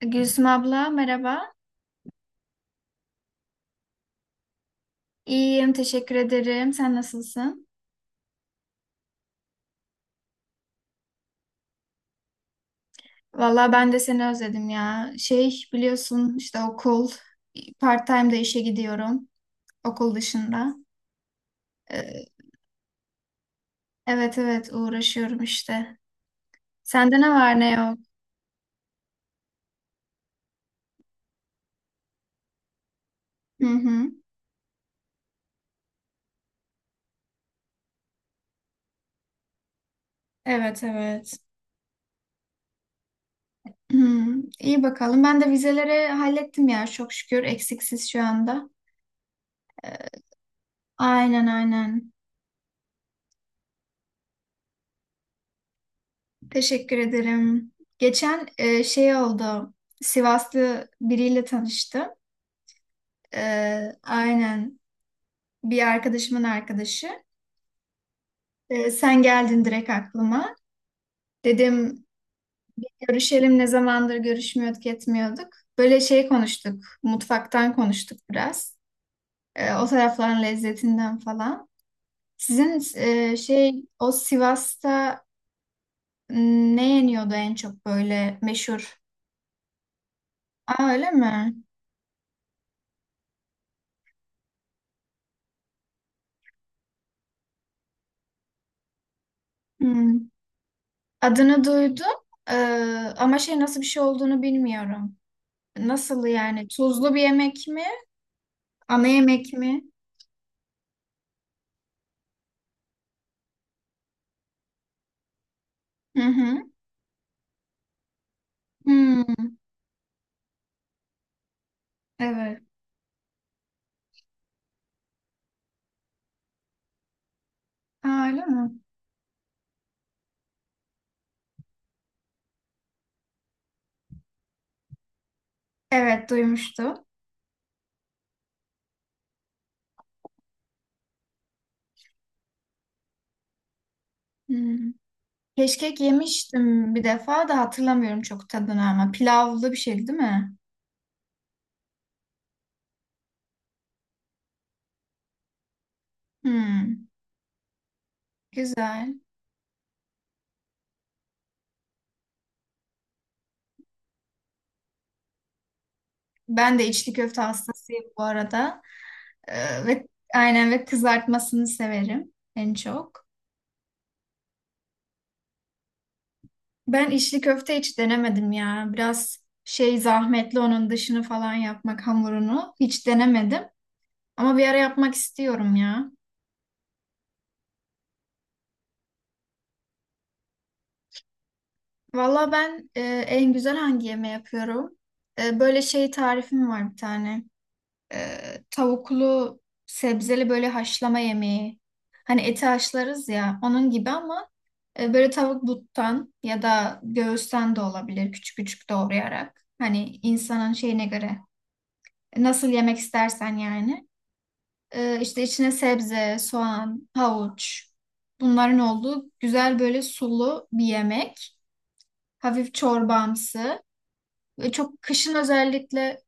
Gülsüm abla merhaba. İyiyim teşekkür ederim. Sen nasılsın? Valla ben de seni özledim ya. Şey biliyorsun işte okul part-time de işe gidiyorum okul dışında. Ee, evet evet uğraşıyorum işte. Sende ne var ne yok? Hı hı. Evet evet. Hı, iyi bakalım. Ben de vizeleri hallettim ya çok şükür eksiksiz şu anda. Ee, Aynen aynen. Teşekkür ederim. Geçen şey oldu. Sivaslı biriyle tanıştım. E, aynen bir arkadaşımın arkadaşı. E, sen geldin direkt aklıma. Dedim görüşelim, ne zamandır görüşmüyorduk etmiyorduk. Böyle şey konuştuk. Mutfaktan konuştuk biraz. O tarafların lezzetinden falan. Sizin şey o Sivas'ta ne yeniyordu en çok böyle meşhur? Aa, öyle mi? Hmm. Adını duydum. Ee, ama şey nasıl bir şey olduğunu bilmiyorum. Nasıl yani? Tuzlu bir yemek mi? Ana yemek mi? Hı hı. Hmm, evet. Ha, öyle mi? Evet duymuştum. Hmm. Keşkek yemiştim bir defa da hatırlamıyorum çok tadını ama pilavlı bir şeydi değil mi? Hmm, güzel. Ben de içli köfte hastasıyım bu arada. Ve aynen kızartmasını severim en çok. Ben içli köfte hiç denemedim ya. Biraz şey zahmetli onun dışını falan yapmak hamurunu. Hiç denemedim. Ama bir ara yapmak istiyorum ya. Valla ben en güzel hangi yemeği yapıyorum? Böyle şey tarifim var bir tane. E, tavuklu sebzeli böyle haşlama yemeği. Hani eti haşlarız ya onun gibi ama böyle tavuk buttan ya da göğüsten de olabilir küçük küçük doğrayarak. Hani insanın şeyine göre nasıl yemek istersen yani. İşte içine sebze, soğan, havuç bunların olduğu güzel böyle sulu bir yemek. Hafif çorbamsı ve çok kışın özellikle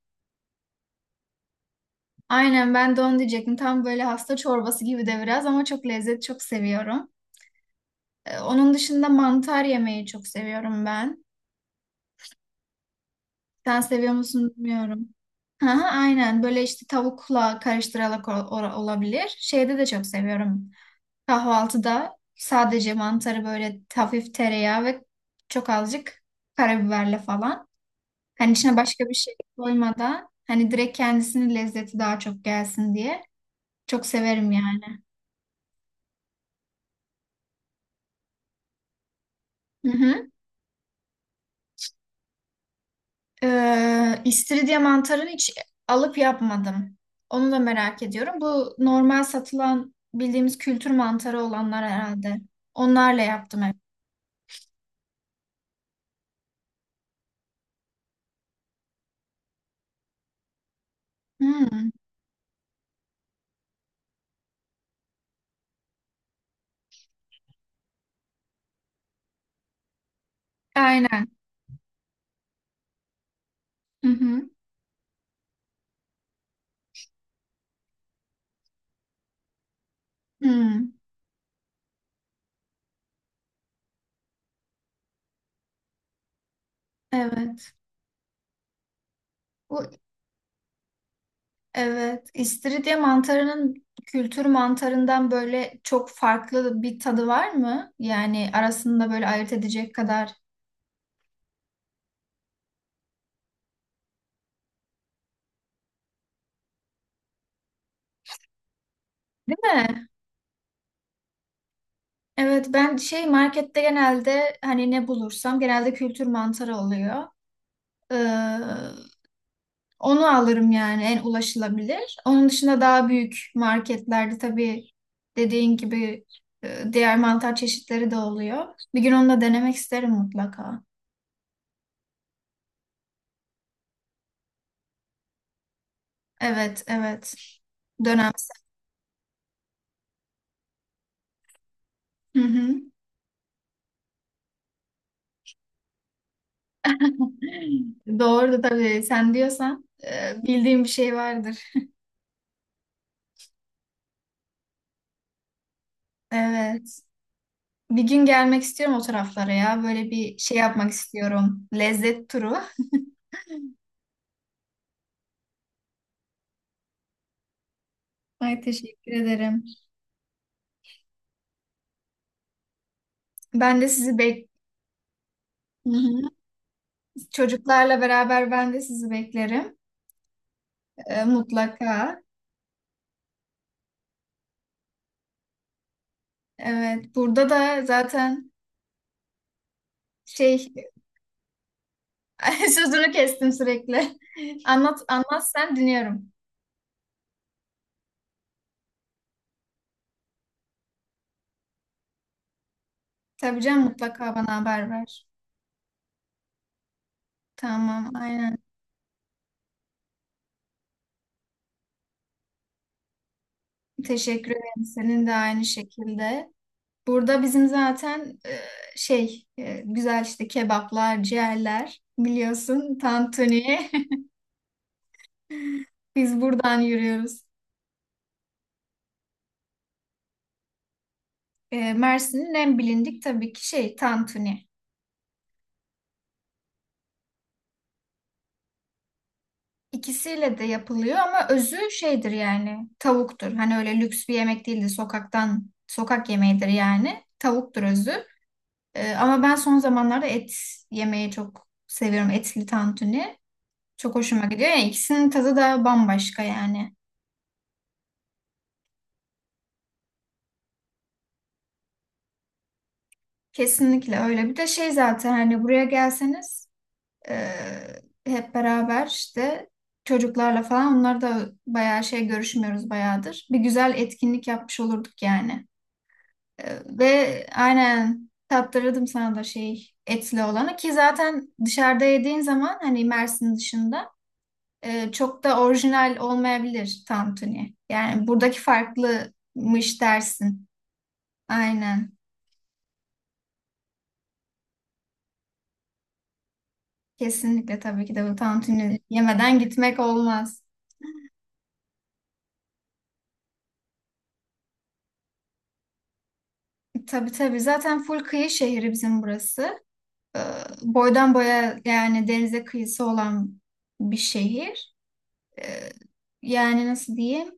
aynen ben de onu diyecektim. Tam böyle hasta çorbası gibi de biraz ama çok lezzet çok seviyorum. Onun dışında mantar yemeyi çok seviyorum ben. Sen seviyor musun bilmiyorum. Hı hı, aynen böyle işte tavukla karıştırarak olabilir. Şeyde de çok seviyorum. Kahvaltıda sadece mantarı böyle hafif tereyağı ve çok azıcık karabiberle falan. Hani içine başka bir şey koymadan hani direkt kendisinin lezzeti daha çok gelsin diye. Çok severim yani. Hı hı. İstiridye mantarını hiç alıp yapmadım. Onu da merak ediyorum. Bu normal satılan bildiğimiz kültür mantarı olanlar herhalde. Onlarla yaptım hep. Hmm, aynen. Hı hı. Hmm, evet. Bu evet, istiridye mantarının kültür mantarından böyle çok farklı bir tadı var mı? Yani arasında böyle ayırt edecek kadar, değil mi? Evet, ben şey markette genelde hani ne bulursam genelde kültür mantarı oluyor. Ee, onu alırım yani en ulaşılabilir. Onun dışında daha büyük marketlerde tabii dediğin gibi diğer mantar çeşitleri de oluyor. Bir gün onu da denemek isterim mutlaka. Evet, evet. Dönem. Hı hı. Doğru tabii. Sen diyorsan bildiğim bir şey vardır. Evet. Bir gün gelmek istiyorum o taraflara ya. Böyle bir şey yapmak istiyorum. Lezzet turu. Ay teşekkür ederim. Ben de sizi bek. Hı hı. Çocuklarla beraber ben de sizi beklerim. Mutlaka. Evet. Burada da zaten şey sözünü kestim sürekli. Anlat, anlat, sen dinliyorum. Tabii canım mutlaka bana haber ver. Tamam, aynen. Teşekkür ederim. Senin de aynı şekilde. Burada bizim zaten şey güzel işte kebaplar, ciğerler biliyorsun tantuni. Biz buradan yürüyoruz. Mersin'in en bilindik tabii ki şey tantuni. İkisiyle de yapılıyor ama özü şeydir yani tavuktur. Hani öyle lüks bir yemek değildir. Sokaktan sokak yemeğidir yani. Tavuktur özü. Ama ben son zamanlarda et yemeyi çok seviyorum. Etli tantuni. Çok hoşuma gidiyor ya. İkisinin tadı da bambaşka yani. Kesinlikle öyle. Bir de şey zaten hani buraya gelseniz e, hep beraber işte çocuklarla falan onlar da bayağı şey görüşmüyoruz bayağıdır. Bir güzel etkinlik yapmış olurduk yani. Ve aynen tattırırdım sana da şey etli olanı ki zaten dışarıda yediğin zaman hani Mersin dışında çok da orijinal olmayabilir tantuni. Yani buradaki farklımış dersin. Aynen. Kesinlikle tabii ki de bu tantuni yemeden gitmek olmaz. Tabii tabii zaten full kıyı şehri bizim burası. Ee, boydan boya yani denize kıyısı olan bir şehir. Ee, yani nasıl diyeyim?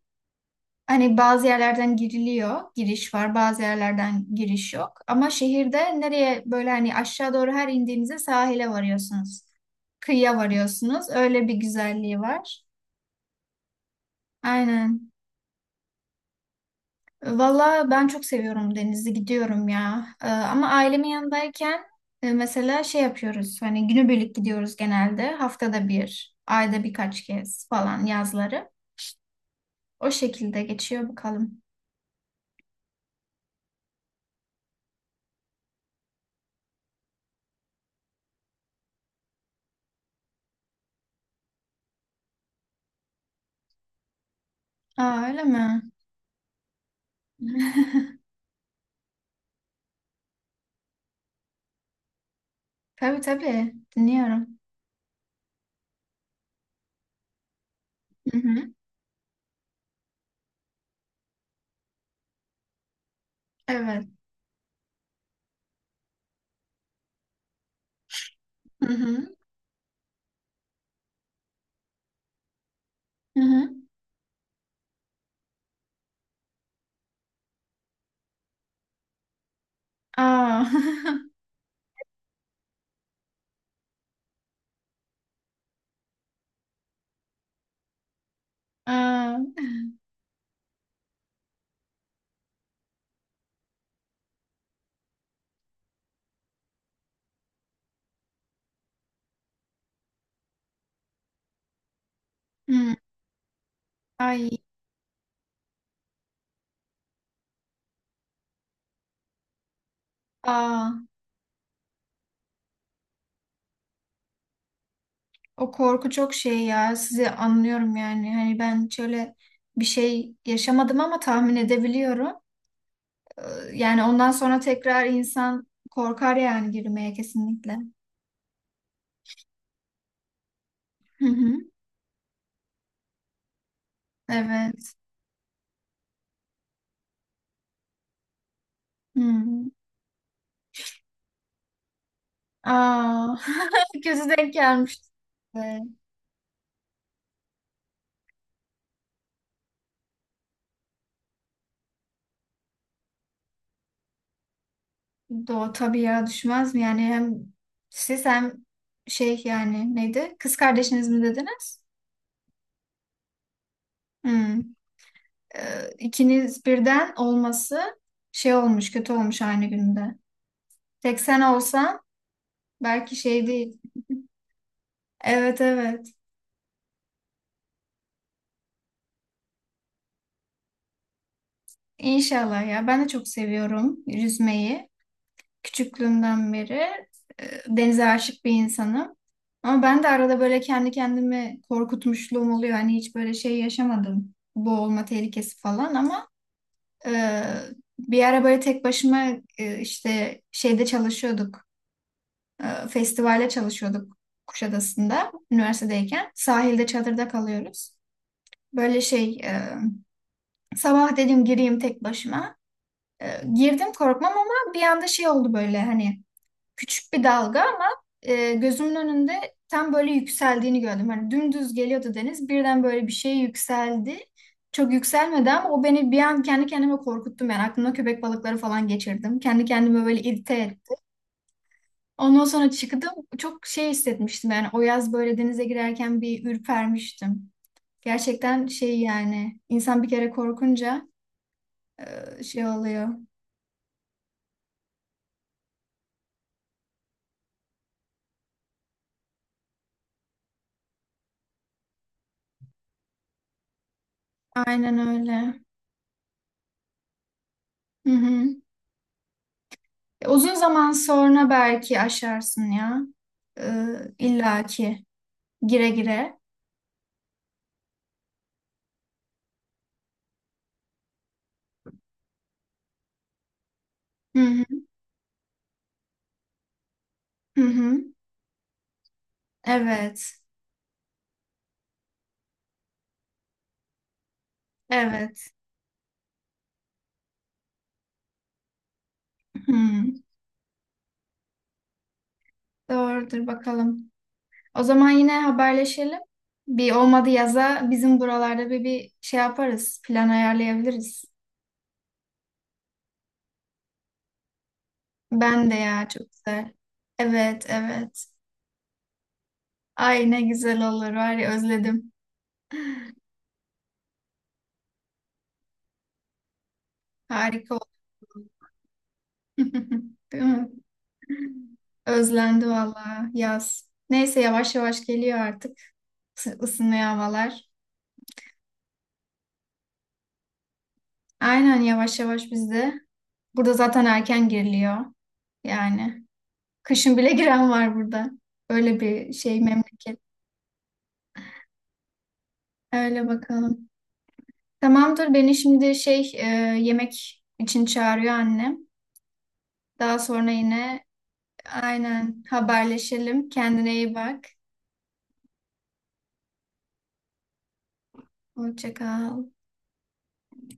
Hani bazı yerlerden giriliyor, giriş var, bazı yerlerden giriş yok. Ama şehirde nereye böyle hani aşağı doğru her indiğinizde sahile varıyorsunuz. Kıyıya varıyorsunuz. Öyle bir güzelliği var. Aynen. Valla ben çok seviyorum denizi gidiyorum ya. Ama ailemin yanındayken mesela şey yapıyoruz. Hani günübirlik gidiyoruz genelde. Haftada bir, ayda birkaç kez falan yazları. O şekilde geçiyor bakalım. Aa, öyle mi? Tabii tabii. Dinliyorum. Hı hı. Evet. Hı hı. Hı hı. Aa. Aa. Hı. Ay. Aa. O korku çok şey ya. Sizi anlıyorum yani. Hani ben şöyle bir şey yaşamadım ama tahmin edebiliyorum. Ee, Yani ondan sonra tekrar insan korkar yani girmeye kesinlikle. Hı hı. Evet. Hı. hı. Aa, kötü denk gelmişti. Doğu tabii ya düşmez mi? Yani hem siz hem şey yani neydi? Kız kardeşiniz mi dediniz? Hı. İkiniz birden olması şey olmuş, kötü olmuş aynı günde. Tek sen olsan belki şey değil. Evet evet. İnşallah ya. Ben de çok seviyorum yüzmeyi. Küçüklüğümden beri denize aşık bir insanım. Ama ben de arada böyle kendi kendimi korkutmuşluğum oluyor. Hani hiç böyle şey yaşamadım. Boğulma tehlikesi falan ama e, bir ara böyle tek başıma işte şeyde çalışıyorduk. Festivalde çalışıyorduk Kuşadası'nda üniversitedeyken. Sahilde çadırda kalıyoruz. Böyle şey sabah dedim gireyim tek başıma. Girdim korkmam ama bir anda şey oldu böyle hani küçük bir dalga ama gözümün önünde tam böyle yükseldiğini gördüm. Hani dümdüz geliyordu deniz birden böyle bir şey yükseldi. Çok yükselmedi ama o beni bir an kendi kendime korkuttum yani aklımda köpek balıkları falan geçirdim. Kendi kendime böyle irite ettim. Ondan sonra çıktım çok şey hissetmiştim yani o yaz böyle denize girerken bir ürpermiştim. Gerçekten şey yani insan bir kere korkunca şey oluyor. Aynen öyle. Hı hı. E, uzun zaman sonra belki aşarsın ya. İllaki gire gire. Hı hı. Hı hı. Evet. Evet. Hı. Doğrudur bakalım. O zaman yine haberleşelim. Bir olmadı yaza bizim buralarda bir şey yaparız. Plan ayarlayabiliriz. Ben de ya çok güzel. Evet evet. Ay ne güzel olur var ya özledim. Harika olur. Değil mi? Özlendi valla yaz. Neyse yavaş yavaş geliyor artık ısınıyor havalar. Aynen yavaş yavaş bizde. Burada zaten erken giriliyor. Yani kışın bile giren var burada. Öyle bir şey memleket. Öyle bakalım. Tamamdır beni şimdi şey yemek için çağırıyor annem. Daha sonra yine aynen haberleşelim. Kendine iyi bak. Hoşça kal.